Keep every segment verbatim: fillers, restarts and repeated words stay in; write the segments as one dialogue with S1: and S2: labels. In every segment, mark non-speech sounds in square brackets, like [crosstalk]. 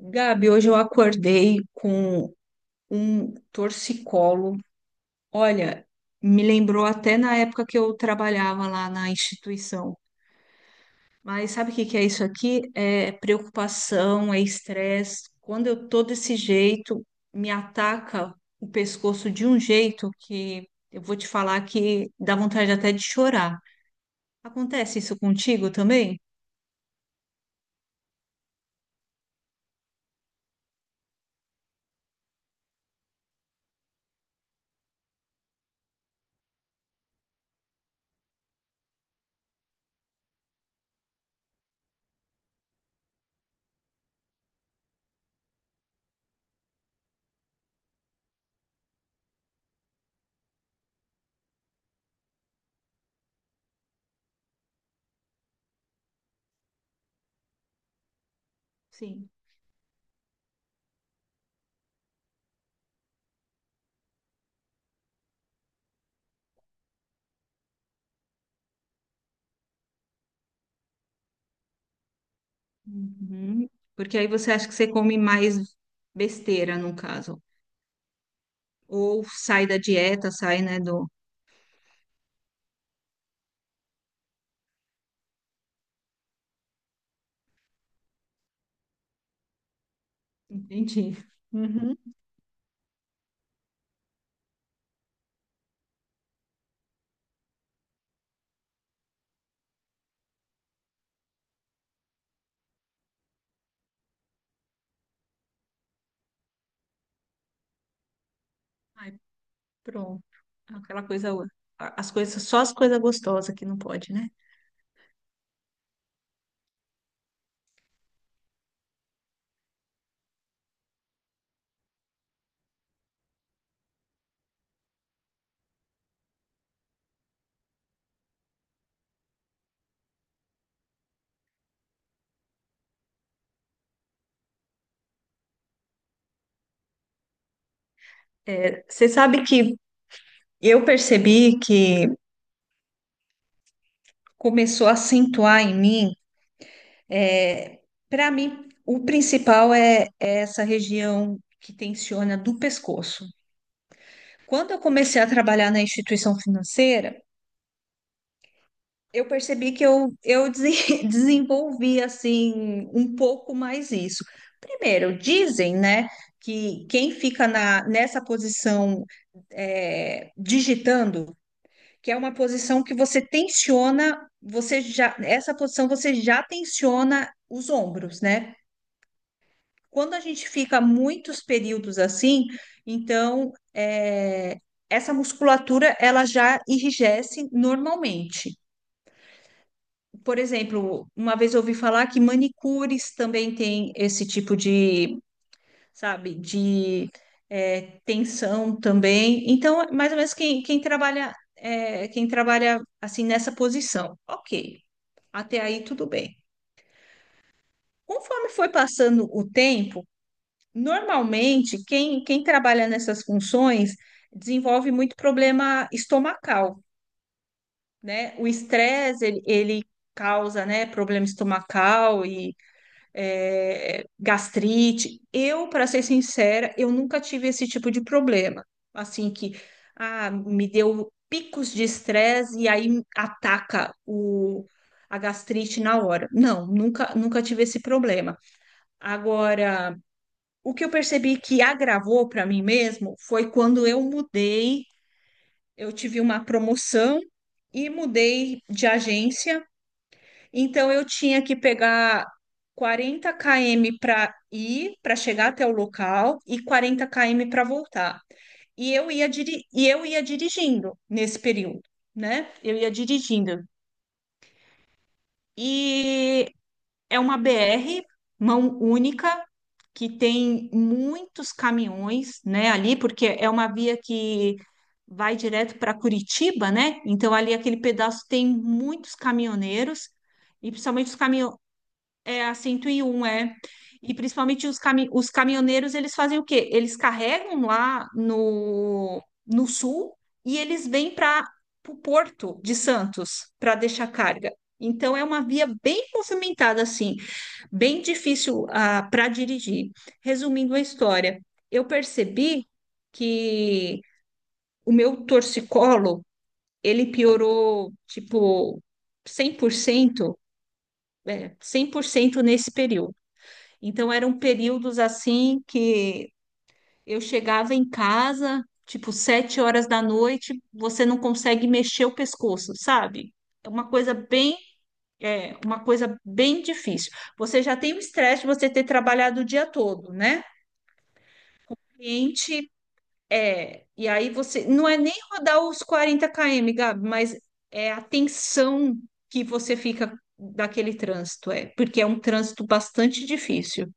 S1: Gabi, hoje eu acordei com um torcicolo. Olha, me lembrou até na época que eu trabalhava lá na instituição. Mas sabe o que que é isso aqui? É preocupação, é estresse. Quando eu tô desse jeito, me ataca o pescoço de um jeito que eu vou te falar que dá vontade até de chorar. Acontece isso contigo também? Sim. Uhum. Porque aí você acha que você come mais besteira, no caso. Ou sai da dieta, sai, né, do... Entendi. Uhum. Ai, pronto. Aquela coisa, as coisas, só as coisas gostosas que não pode, né? É. Você sabe que eu percebi que começou a acentuar em mim, é, para mim, o principal é, é essa região que tensiona do pescoço. Quando eu comecei a trabalhar na instituição financeira, eu percebi que eu, eu desen- [laughs] desenvolvi assim um pouco mais isso. Primeiro, dizem, né, que quem fica na, nessa posição é, digitando, que é uma posição que você tensiona, você já, essa posição você já tensiona os ombros, né? Quando a gente fica muitos períodos assim, então é, essa musculatura ela já enrijece normalmente. Por exemplo, uma vez eu ouvi falar que manicures também tem esse tipo de, sabe, de é, tensão também. Então, é mais ou menos quem, quem trabalha, é, quem trabalha assim nessa posição, ok. Até aí tudo bem. Conforme foi passando o tempo, normalmente quem, quem trabalha nessas funções desenvolve muito problema estomacal, né? O estresse, ele, ele causa, né, problema estomacal é, gastrite. Eu, para ser sincera, eu nunca tive esse tipo de problema. Assim que ah, me deu picos de estresse e aí ataca o, a gastrite na hora. Não, nunca, nunca tive esse problema. Agora, o que eu percebi que agravou para mim mesmo foi quando eu mudei, eu tive uma promoção e mudei de agência. Então eu tinha que pegar quarenta quilômetros para ir, para chegar até o local e quarenta quilômetros para voltar. E eu ia diri- e eu ia dirigindo nesse período, né? Eu ia dirigindo. E é uma B R mão única que tem muitos caminhões, né, ali, porque é uma via que vai direto para Curitiba, né? Então ali aquele pedaço tem muitos caminhoneiros. E principalmente os caminhões é a cento e um é. E principalmente os, cami os caminhoneiros, eles fazem o quê? Eles carregam lá no, no sul e eles vêm para o porto de Santos para deixar carga. Então é uma via bem movimentada, assim, bem difícil para dirigir. Resumindo a história, eu percebi que o meu torcicolo, ele piorou, tipo, cem por cento, é, cem por cento nesse período. Então eram períodos assim que eu chegava em casa, tipo sete horas da noite, você não consegue mexer o pescoço, sabe? É uma coisa bem, é uma coisa bem difícil. Você já tem o estresse de você ter trabalhado o dia todo, né? Cliente é, e aí você não é nem rodar os quarenta km, Gabi, mas é a tensão que você fica daquele trânsito, é, porque é um trânsito bastante difícil.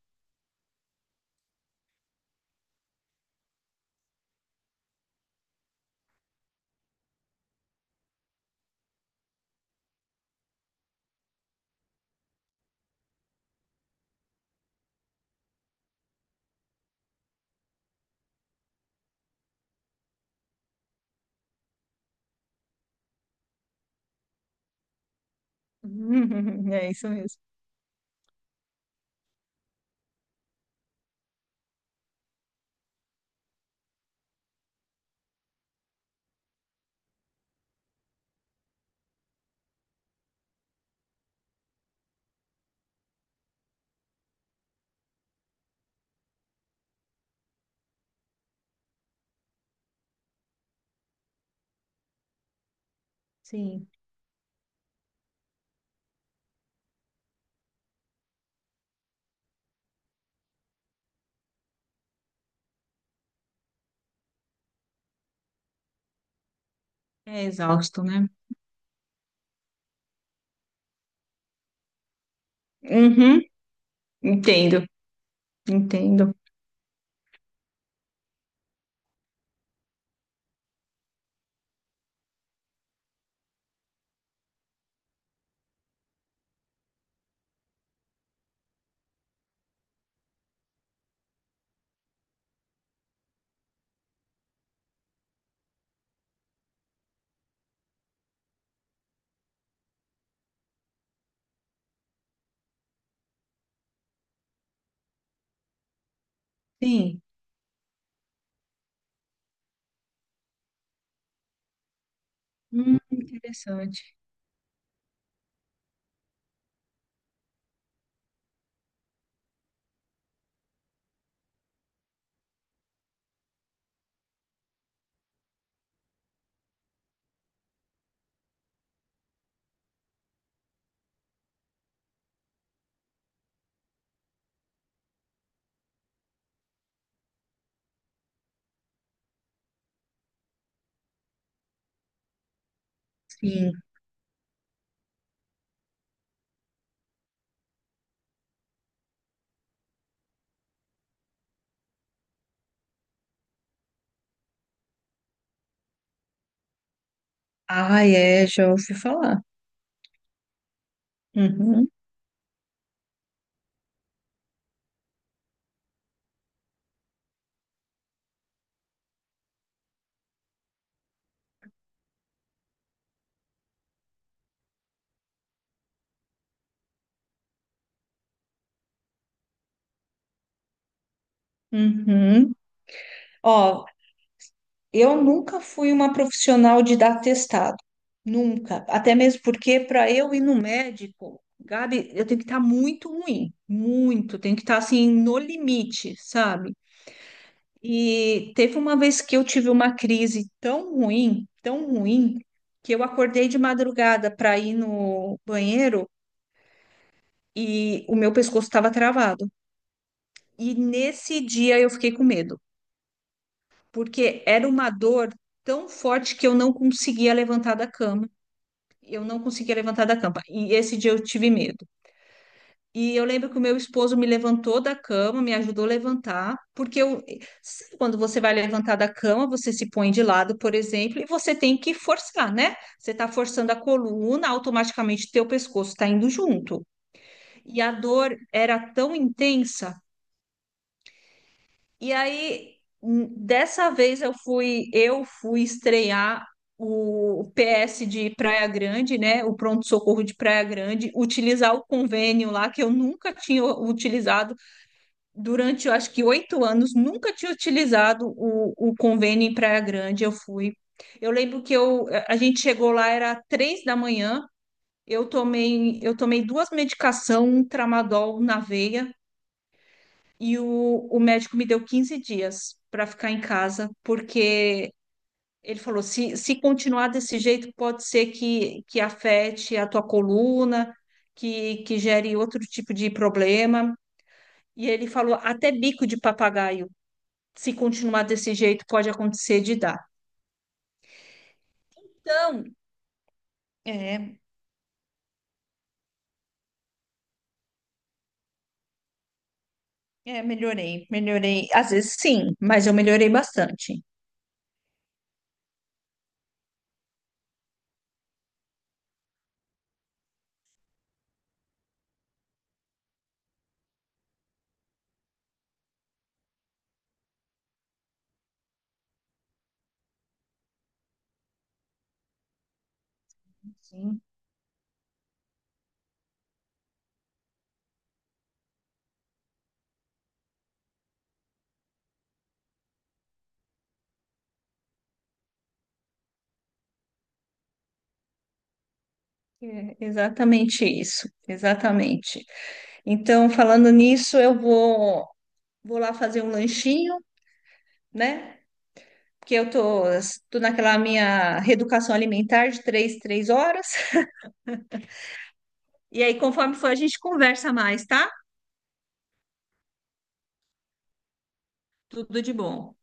S1: [laughs] É isso mesmo. Sim. É exausto, né? Uhum, entendo, entendo. Sim. Hum, interessante. Sim. Ah, é, já ouvi falar. Uhum, uhum. Ó, eu nunca fui uma profissional de dar testado. Nunca. Até mesmo porque para eu ir no médico, Gabi, eu tenho que estar muito ruim. Muito. Tenho que estar assim, no limite, sabe? E teve uma vez que eu tive uma crise tão ruim, tão ruim, que eu acordei de madrugada para ir no banheiro e o meu pescoço estava travado. E nesse dia eu fiquei com medo, porque era uma dor tão forte que eu não conseguia levantar da cama. Eu não conseguia levantar da cama. E esse dia eu tive medo. E eu lembro que o meu esposo me levantou da cama, me ajudou a levantar, porque eu, sabe quando você vai levantar da cama, você se põe de lado, por exemplo, e você tem que forçar, né? Você está forçando a coluna, automaticamente teu pescoço está indo junto. E a dor era tão intensa. E aí, n- dessa vez eu fui, eu fui estrear o P S de Praia Grande, né? O pronto-socorro de Praia Grande, utilizar o convênio lá que eu nunca tinha utilizado durante, eu acho que oito anos, nunca tinha utilizado o, o convênio em Praia Grande. Eu fui. Eu lembro que eu, a gente chegou lá, era três da manhã. Eu tomei, eu tomei duas medicações, um tramadol na veia, e o, o médico me deu quinze dias para ficar em casa, porque ele falou: se, se continuar desse jeito, pode ser que, que afete a tua coluna, que, que gere outro tipo de problema. E ele falou até bico de papagaio. Se continuar desse jeito, pode acontecer de dar. Então, É, é, melhorei, melhorei. Às vezes sim, mas eu melhorei bastante. Sim, é exatamente isso, exatamente. Então, falando nisso, eu vou, vou lá fazer um lanchinho, né? Porque eu tô, tô naquela minha reeducação alimentar de três, três horas. E aí, conforme for, a gente conversa mais, tá? Tudo de bom.